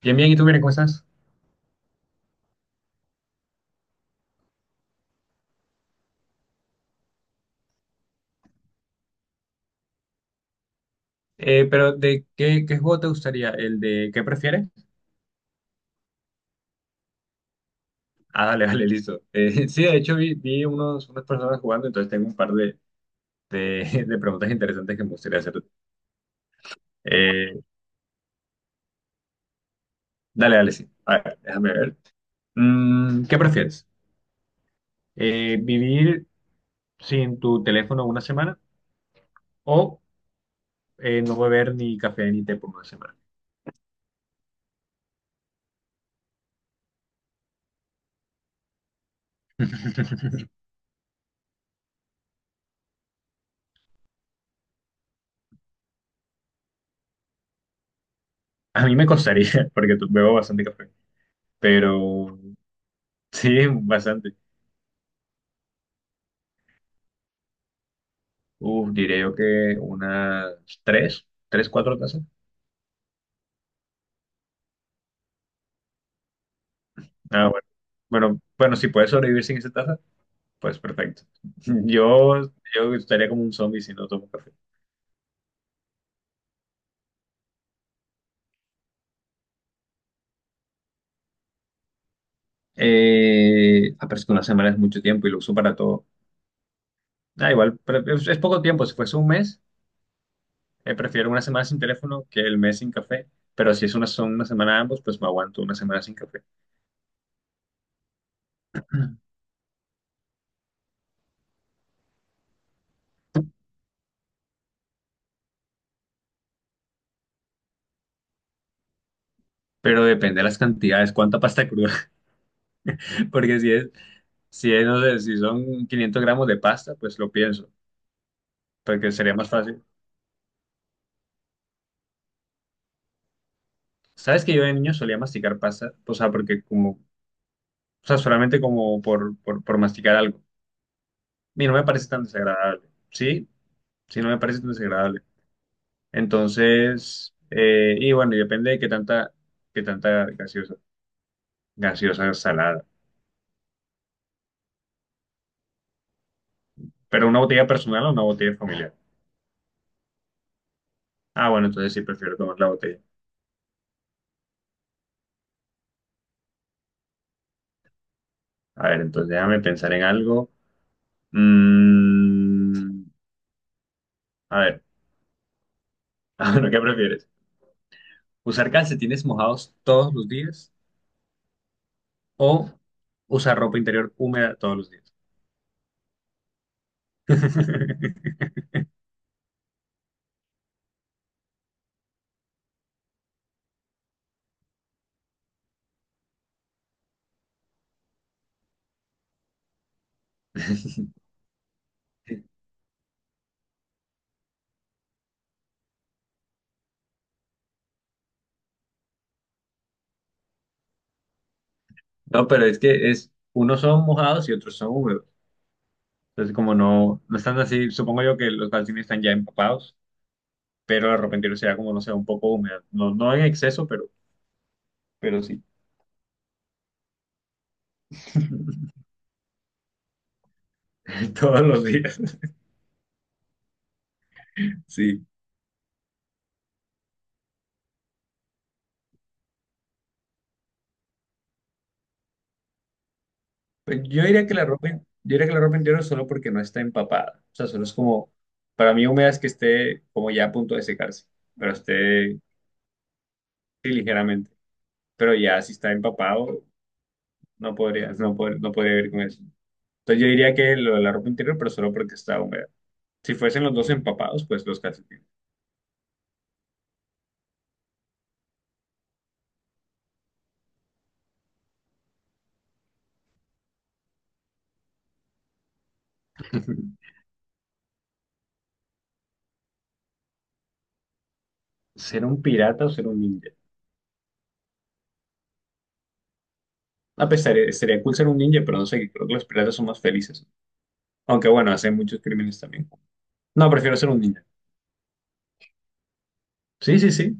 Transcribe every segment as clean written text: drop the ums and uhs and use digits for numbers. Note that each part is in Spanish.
Bien, bien, ¿y tú, bien, cómo estás? Pero, ¿qué juego te gustaría? ¿El de qué prefieres? Ah, dale, dale, listo. Sí, de hecho, vi unas personas jugando, entonces tengo un par de preguntas interesantes que me gustaría hacer. Eh, dale, dale, sí. A ver, déjame ver. ¿Qué prefieres? ¿Vivir sin tu teléfono una semana o no beber ni café ni té por una semana? A mí me costaría, porque bebo bastante café, pero sí, bastante. Uf, diría yo que unas tres, cuatro tazas. Ah, mm, bueno. Bueno, bueno, si puedes sobrevivir sin esa taza, pues perfecto. Yo, yo estaría como un zombie si no tomo café. Ah, pero es que una semana es mucho tiempo y lo uso para todo. Ah, igual, pero es poco tiempo. Si fuese un mes, prefiero una semana sin teléfono que el mes sin café. Pero si son una semana ambos, pues me aguanto una semana sin café. Pero depende de las cantidades, cuánta pasta cruda. Porque si es, no sé, si son 500 gramos de pasta, pues lo pienso, porque sería más fácil. ¿Sabes que yo de niño solía masticar pasta? O sea, porque como, o sea, solamente como por masticar algo. Y no me parece tan desagradable, ¿sí? Sí, no me parece tan desagradable. Entonces, y bueno, y depende de qué tanta gaseosa salada. Pero una botella personal o una botella familiar. Ah, bueno, entonces sí, prefiero tomar la botella. A ver, entonces déjame pensar en algo. Mm, a ver, ah, bueno, ¿qué prefieres? Usar calcetines mojados todos los días o usar ropa interior húmeda todos los días. No, pero es que unos son mojados y otros son húmedos. Entonces, como no están así, supongo yo que los calcetines están ya empapados, pero la ropa interior sea como, no sé, un poco húmeda. No, no en exceso, pero sí. Todos los días. Sí. Pues yo diría que la ropa interior solo porque no está empapada. O sea, solo es como, para mí húmeda es que esté como ya a punto de secarse, pero esté. Sí, ligeramente. Pero ya si está empapado, no podría ir con eso. Entonces yo diría que lo de la ropa interior, pero solo porque está húmeda. Si fuesen los dos empapados, pues los calcetines. ¿Ser un pirata o ser un ninja? A pesar, sería cool ser un ninja, pero no sé, creo que los piratas son más felices. Aunque bueno, hacen muchos crímenes también. No, prefiero ser un ninja. Sí, sí, sí.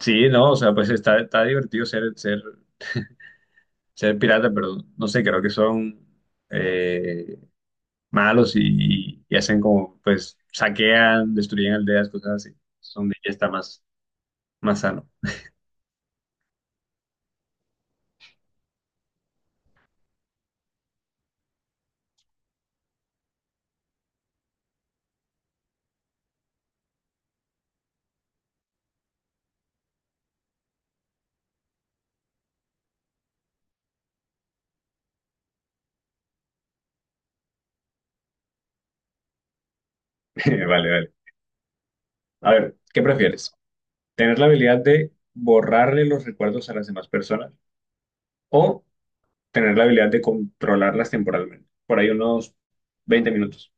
Sí, no, o sea, pues está divertido ser pirata, pero no sé, creo que son... eh, malos y hacen como, pues, saquean, destruyen aldeas, cosas así. Es donde ya está más sano. Vale, vale. A ver, ¿qué prefieres? ¿Tener la habilidad de borrarle los recuerdos a las demás personas o tener la habilidad de controlarlas temporalmente? Por ahí unos 20 minutos.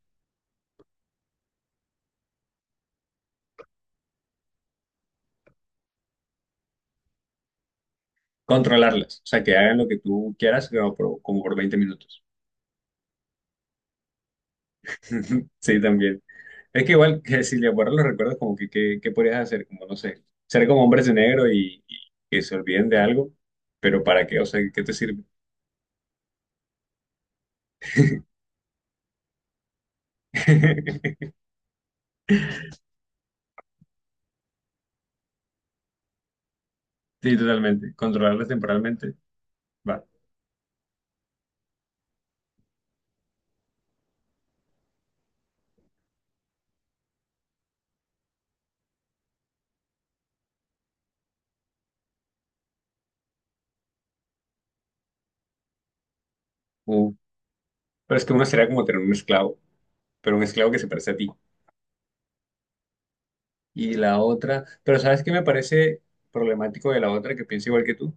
Controlarlas, o sea, que hagan lo que tú quieras, pero como por 20 minutos. Sí, también. Es que igual que si le borran los recuerdos, como ¿qué podrías hacer? Como, no sé, ser como hombres de negro y que se olviden de algo, pero ¿para qué? O sea, ¿qué te sirve? Sí, totalmente. Controlarlos temporalmente, va. Uh, Pero es que una sería como tener un esclavo, pero un esclavo que se parece a ti. Y la otra, pero ¿sabes qué me parece problemático de la otra que pienso igual que tú?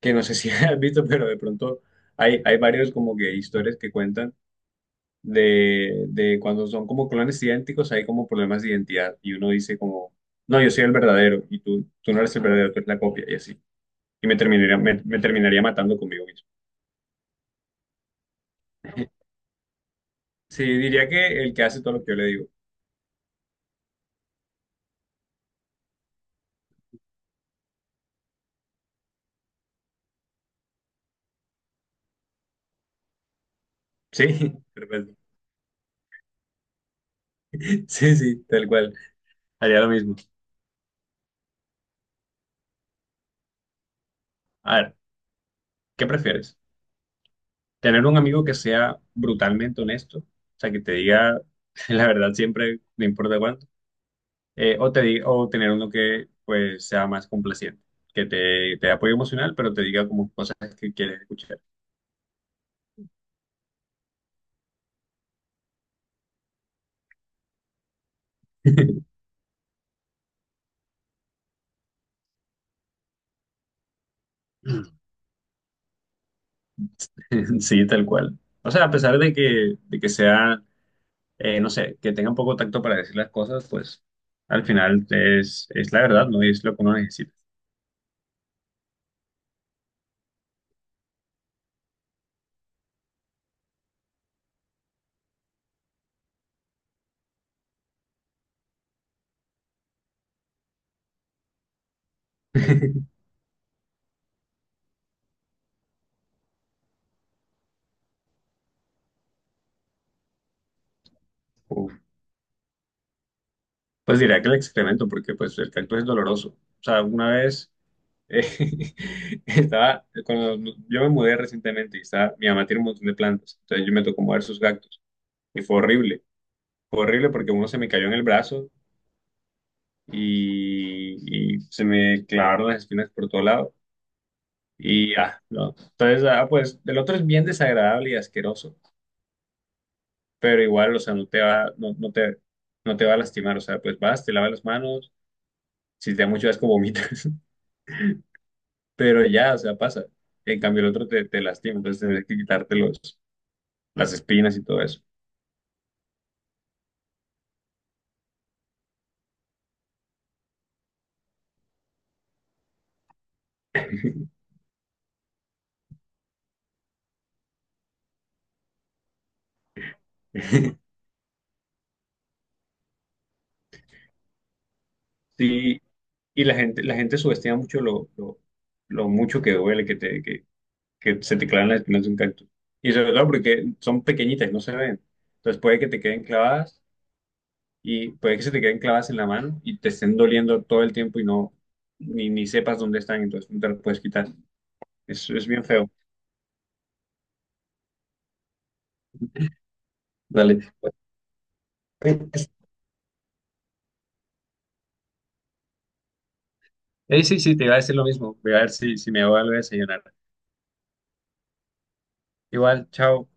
Que no sé si has visto, pero de pronto hay varios como que historias que cuentan de cuando son como clones idénticos, hay como problemas de identidad y uno dice como, no, yo soy el verdadero y tú no eres el verdadero, tú eres la copia y así. Y me terminaría matando conmigo mismo. Sí, diría que el que hace todo lo que yo le digo. Sí, perfecto. Sí, sí, tal cual. Haría lo mismo. A ver, ¿qué prefieres? ¿Tener un amigo que sea brutalmente honesto? O sea, que te diga la verdad siempre, no importa cuánto. O tener uno que pues sea más complaciente, que te dé apoyo emocional, pero te diga como cosas que quieres escuchar. Sí, tal cual. O sea, a pesar de que sea, no sé, que tengan poco tacto para decir las cosas, pues al final es la verdad, ¿no? Y es lo que uno necesita. Uf. Pues diría que el excremento, porque pues el cactus es doloroso. O sea, una vez eh, estaba, cuando yo me mudé recientemente y estaba, mi mamá tiene un montón de plantas, entonces yo me tocó mover sus cactus. Y fue horrible porque uno se me cayó en el brazo y se me clavaron las espinas por todo lado. Y ah, no. Entonces, ah, pues el otro es bien desagradable y asqueroso, pero igual, o sea, no te va a lastimar, o sea, pues vas, te lavas las manos, si te da mucho asco vomitas, pero ya, o sea, pasa. En cambio, el otro te lastima, entonces tienes que quitarte las espinas y todo eso. Sí, y la gente subestima mucho lo mucho que duele, que se te clavan las espinas de un cactus. Y sobre todo porque son pequeñitas, no se ven. Entonces puede que te queden clavadas y puede que se te queden clavadas en la mano y te estén doliendo todo el tiempo y ni sepas dónde están, entonces no te las puedes quitar. Es bien feo. Dale. Sí, sí, te iba a decir lo mismo. Voy a ver si me voy a volver a desayunar. Igual, chao.